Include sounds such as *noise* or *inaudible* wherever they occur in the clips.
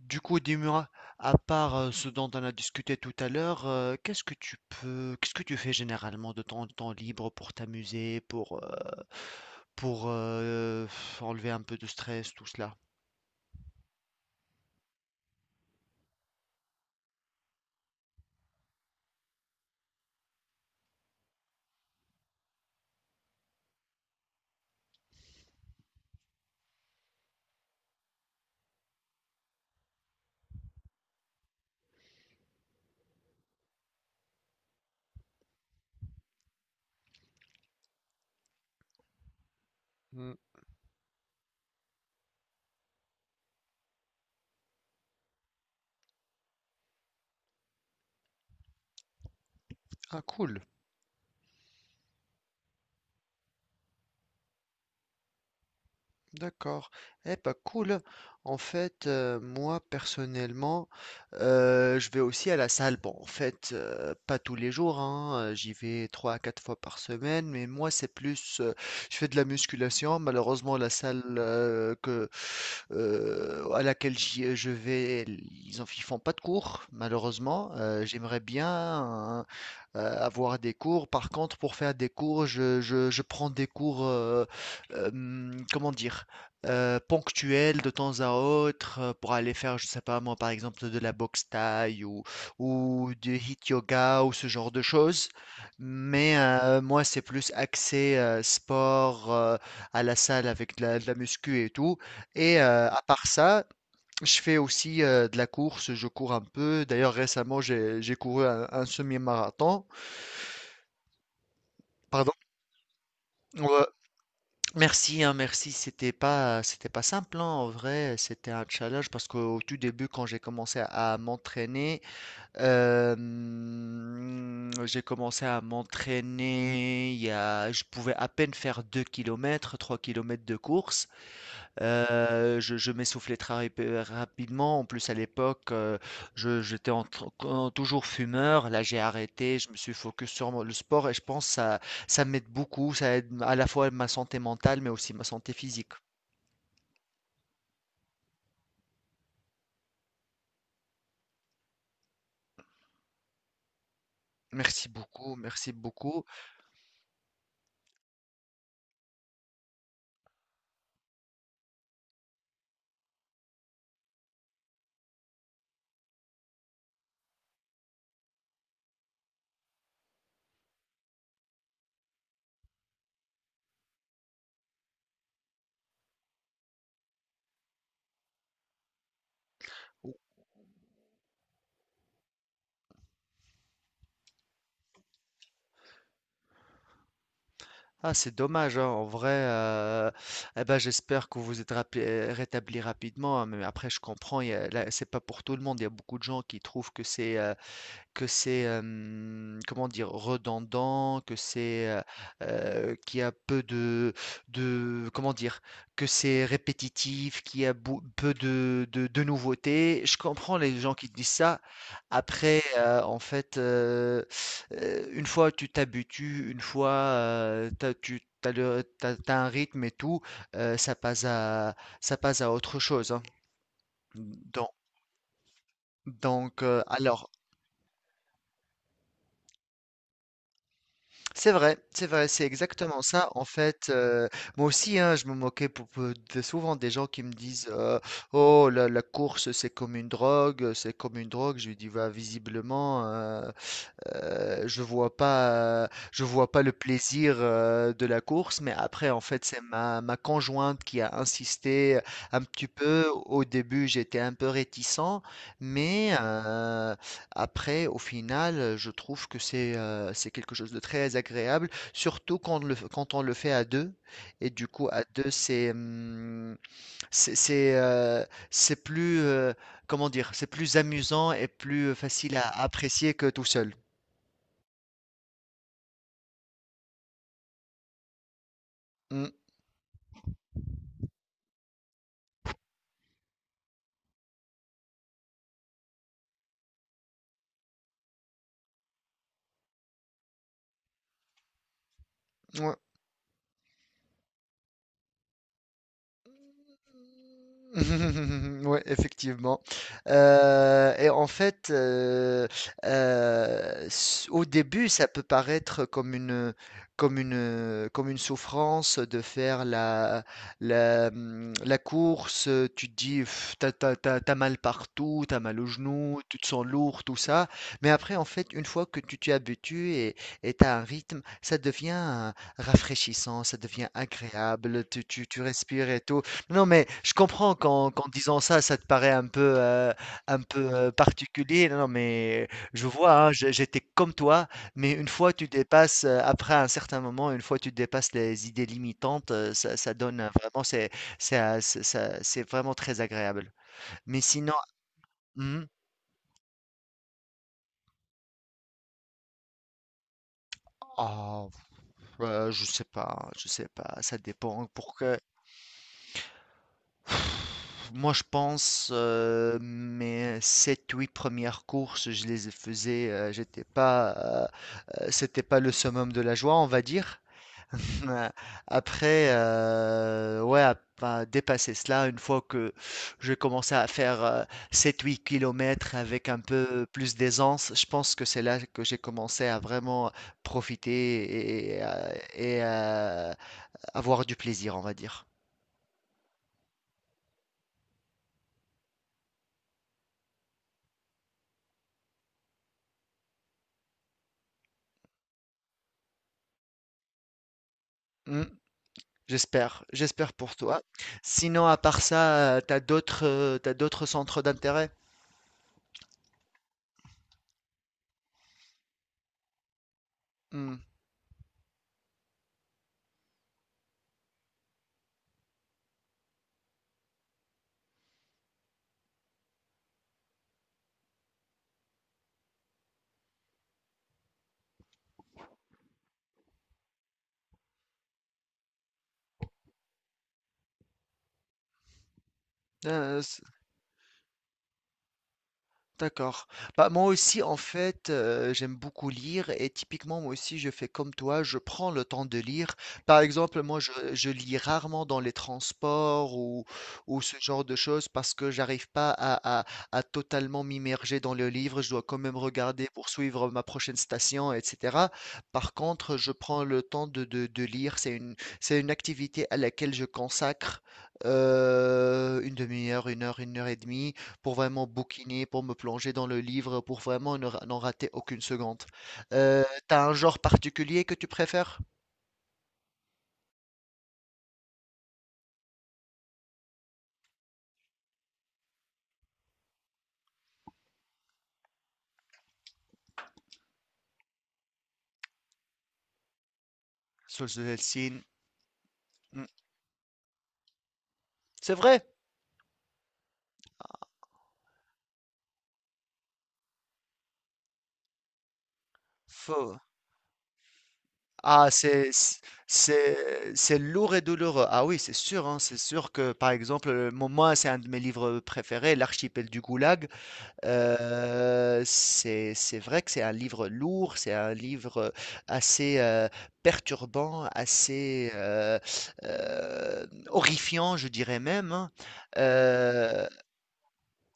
Du coup, dis-moi, à part ce dont on a discuté tout à l'heure, qu'est-ce que tu peux, qu'est-ce que tu fais généralement de ton temps libre pour t'amuser, pour, pour euh, enlever un peu de stress, tout cela? Hmm. Ah, cool. D'accord. Eh pas cool. En fait, moi personnellement, je vais aussi à la salle. Bon, en fait, pas tous les jours, hein, j'y vais trois à quatre fois par semaine, mais moi c'est plus, je fais de la musculation. Malheureusement, la salle que à laquelle je vais, ils font pas de cours, malheureusement. J'aimerais bien hein, avoir des cours. Par contre, pour faire des cours, je prends des cours, comment dire? Ponctuel, de temps à autre, pour aller faire, je sais pas moi, par exemple de la boxe thaï ou du hit yoga ou ce genre de choses. Mais moi, c'est plus axé sport, à la salle avec de la muscu et tout. Et à part ça, je fais aussi de la course, je cours un peu. D'ailleurs, récemment, j'ai couru un semi-marathon. Pardon? Ouais, merci, hein, merci. C'était pas simple, hein, en vrai. C'était un challenge parce qu'au tout début, quand j'ai commencé à m'entraîner, j'ai commencé à m'entraîner. Il y a, je pouvais à peine faire 2 kilomètres, 3 kilomètres de course. Je m'essoufflais très rép rapidement. En plus à l'époque, je j'étais en tr toujours fumeur. Là, j'ai arrêté, je me suis focus sur mon le sport et je pense que ça m'aide beaucoup. Ça aide à la fois ma santé mentale, mais aussi ma santé physique. Merci beaucoup, merci beaucoup. Ah, c'est dommage, hein, en vrai, eh ben, j'espère que vous êtes rapé rétabli rapidement, hein, mais après je comprends, il y a là, c'est pas pour tout le monde. Il y a beaucoup de gens qui trouvent que c'est, que c'est, comment dire? Redondant, que c'est, qu'il y a peu de comment dire? Que c'est répétitif, qu'il y a beau peu de nouveautés. Je comprends les gens qui disent ça. Après, en fait, une fois tu t'habitues, une fois, tu as le tu as un rythme et tout, heu, ça passe à ça passe à autre chose, hein. Donc alors c'est vrai, c'est vrai, c'est exactement ça. En fait, moi aussi, hein, je me moquais souvent des gens qui me disent oh, la course, c'est comme une drogue, c'est comme une drogue. Je lui dis bah, visiblement, Heu, je vois pas, je vois pas le plaisir, de la course, mais après en fait, c'est ma conjointe qui a insisté, un petit peu. Au début, j'étais un peu réticent, mais, après au final, je trouve que c'est quelque chose de très agréable, surtout quand on le fait à deux, et du coup à 2 c'est, c'est c'est, heu, c'est plus, comment dire? C'est plus amusant et plus facile à apprécier que tout seul. Mmh. Ouais. *laughs* Ouais, effectivement. Et en fait, au début, ça peut paraître comme une souffrance de faire la course. Tu te dis, pff, t'as mal partout, t'as mal au genou, tu te sens lourd, tout ça. Mais après, en fait, une fois que tu t'y habitues et t'as un rythme, ça devient rafraîchissant, ça devient agréable. Tu respires et tout. Non, mais je comprends qu'en disant ça, ça te paraît un peu particulier. Non, non, mais je vois, hein, j'étais comme toi, mais une fois tu dépasses, après un certain moment, une fois tu dépasses les idées limitantes, ça donne vraiment, c'est c'est vraiment très agréable. Mais sinon, hmm, oh, je sais pas, ça dépend. Moi, je pense, mes sept, huit premières courses, je les faisais, j'étais pas, c'était pas le summum de la joie, on va dire. *laughs* Euh, Après, ouais, à pas dépasser cela, une fois que j'ai commencé à faire 7-8 kilomètres avec un peu plus d'aisance, je pense que c'est là que j'ai commencé à vraiment profiter et, avoir du plaisir, on va dire. J'espère, j'espère pour toi. Sinon, à part ça, t'as d'autres centres d'intérêt? Hmm. Euh, D'accord. Bah, moi aussi, en fait, j'aime beaucoup lire et typiquement, moi aussi, je fais comme toi, je prends le temps de lire. Par exemple, moi, je lis rarement dans les transports ou ce genre de choses parce que j'arrive pas à, à totalement m'immerger dans le livre. Je dois quand même regarder pour suivre ma prochaine station, etc. Par contre, je prends le temps de, de lire. C'est une activité à laquelle je consacre une demi-heure, une heure et demie pour vraiment bouquiner, pour me plonger dans le livre, pour vraiment ne ra- n'en rater aucune seconde. T'as un genre particulier que tu préfères? Souls of Hellsing. Hmm, c'est vrai. Faux. Ah, c'est lourd et douloureux. Ah oui, c'est sûr, hein, c'est sûr que par exemple, moi, c'est un de mes livres préférés, L'archipel du Goulag. C'est c'est vrai que c'est un livre lourd, c'est un livre assez perturbant, assez horrifiant, je dirais même, hein. Euh,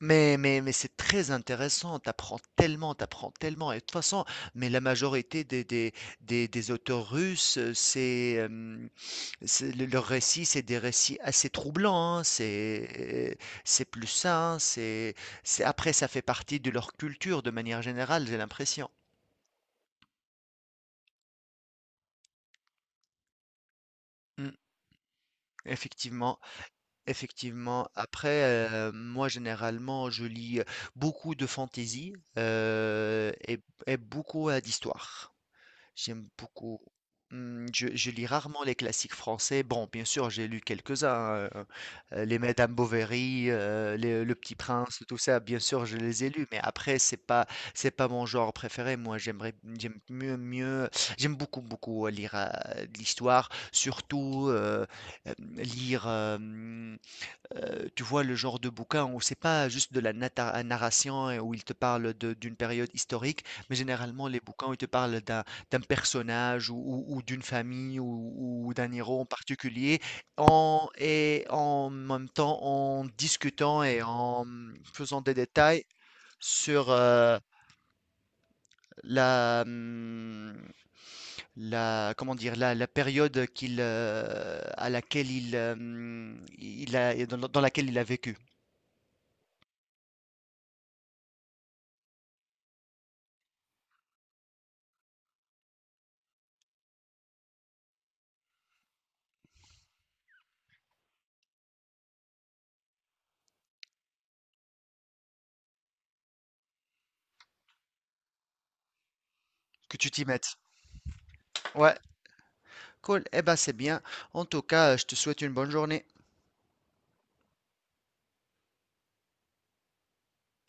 mais mais, c'est très intéressant, t'apprends tellement, t'apprends tellement. Et de toute façon, mais la majorité des auteurs russes, c'est le leurs récits, c'est des récits assez troublants, hein, c'est plus ça, hein, c'est après ça fait partie de leur culture de manière générale, j'ai l'impression. Mmh, effectivement, effectivement. Après, moi généralement, je lis beaucoup de fantaisie, heu et et beaucoup, d'histoires. J'aime beaucoup. Mmh, je lis rarement les classiques français. Bon, bien sûr, j'ai lu quelques-uns, les Madame Bovary, les Le Petit Prince, tout ça, bien sûr, je les ai lus, mais après, c'est pas mon genre préféré. Moi, j'aimerais j'aime mieux mieux j'aime beaucoup, beaucoup lire, de l'histoire, surtout, lire, euh, tu vois, le genre de bouquin où c'est pas juste de la narration et où il te parle d'une période historique, mais généralement les bouquins où il te parle d'un personnage ou, ou d'une famille ou d'un héros en particulier, et en même temps en discutant et en faisant des détails sur la, hum, la, comment dire, la période à laquelle il, dans laquelle il a vécu. Que tu t'y mettes. Ouais, cool. Eh ben, c'est bien. En tout cas, je te souhaite une bonne journée.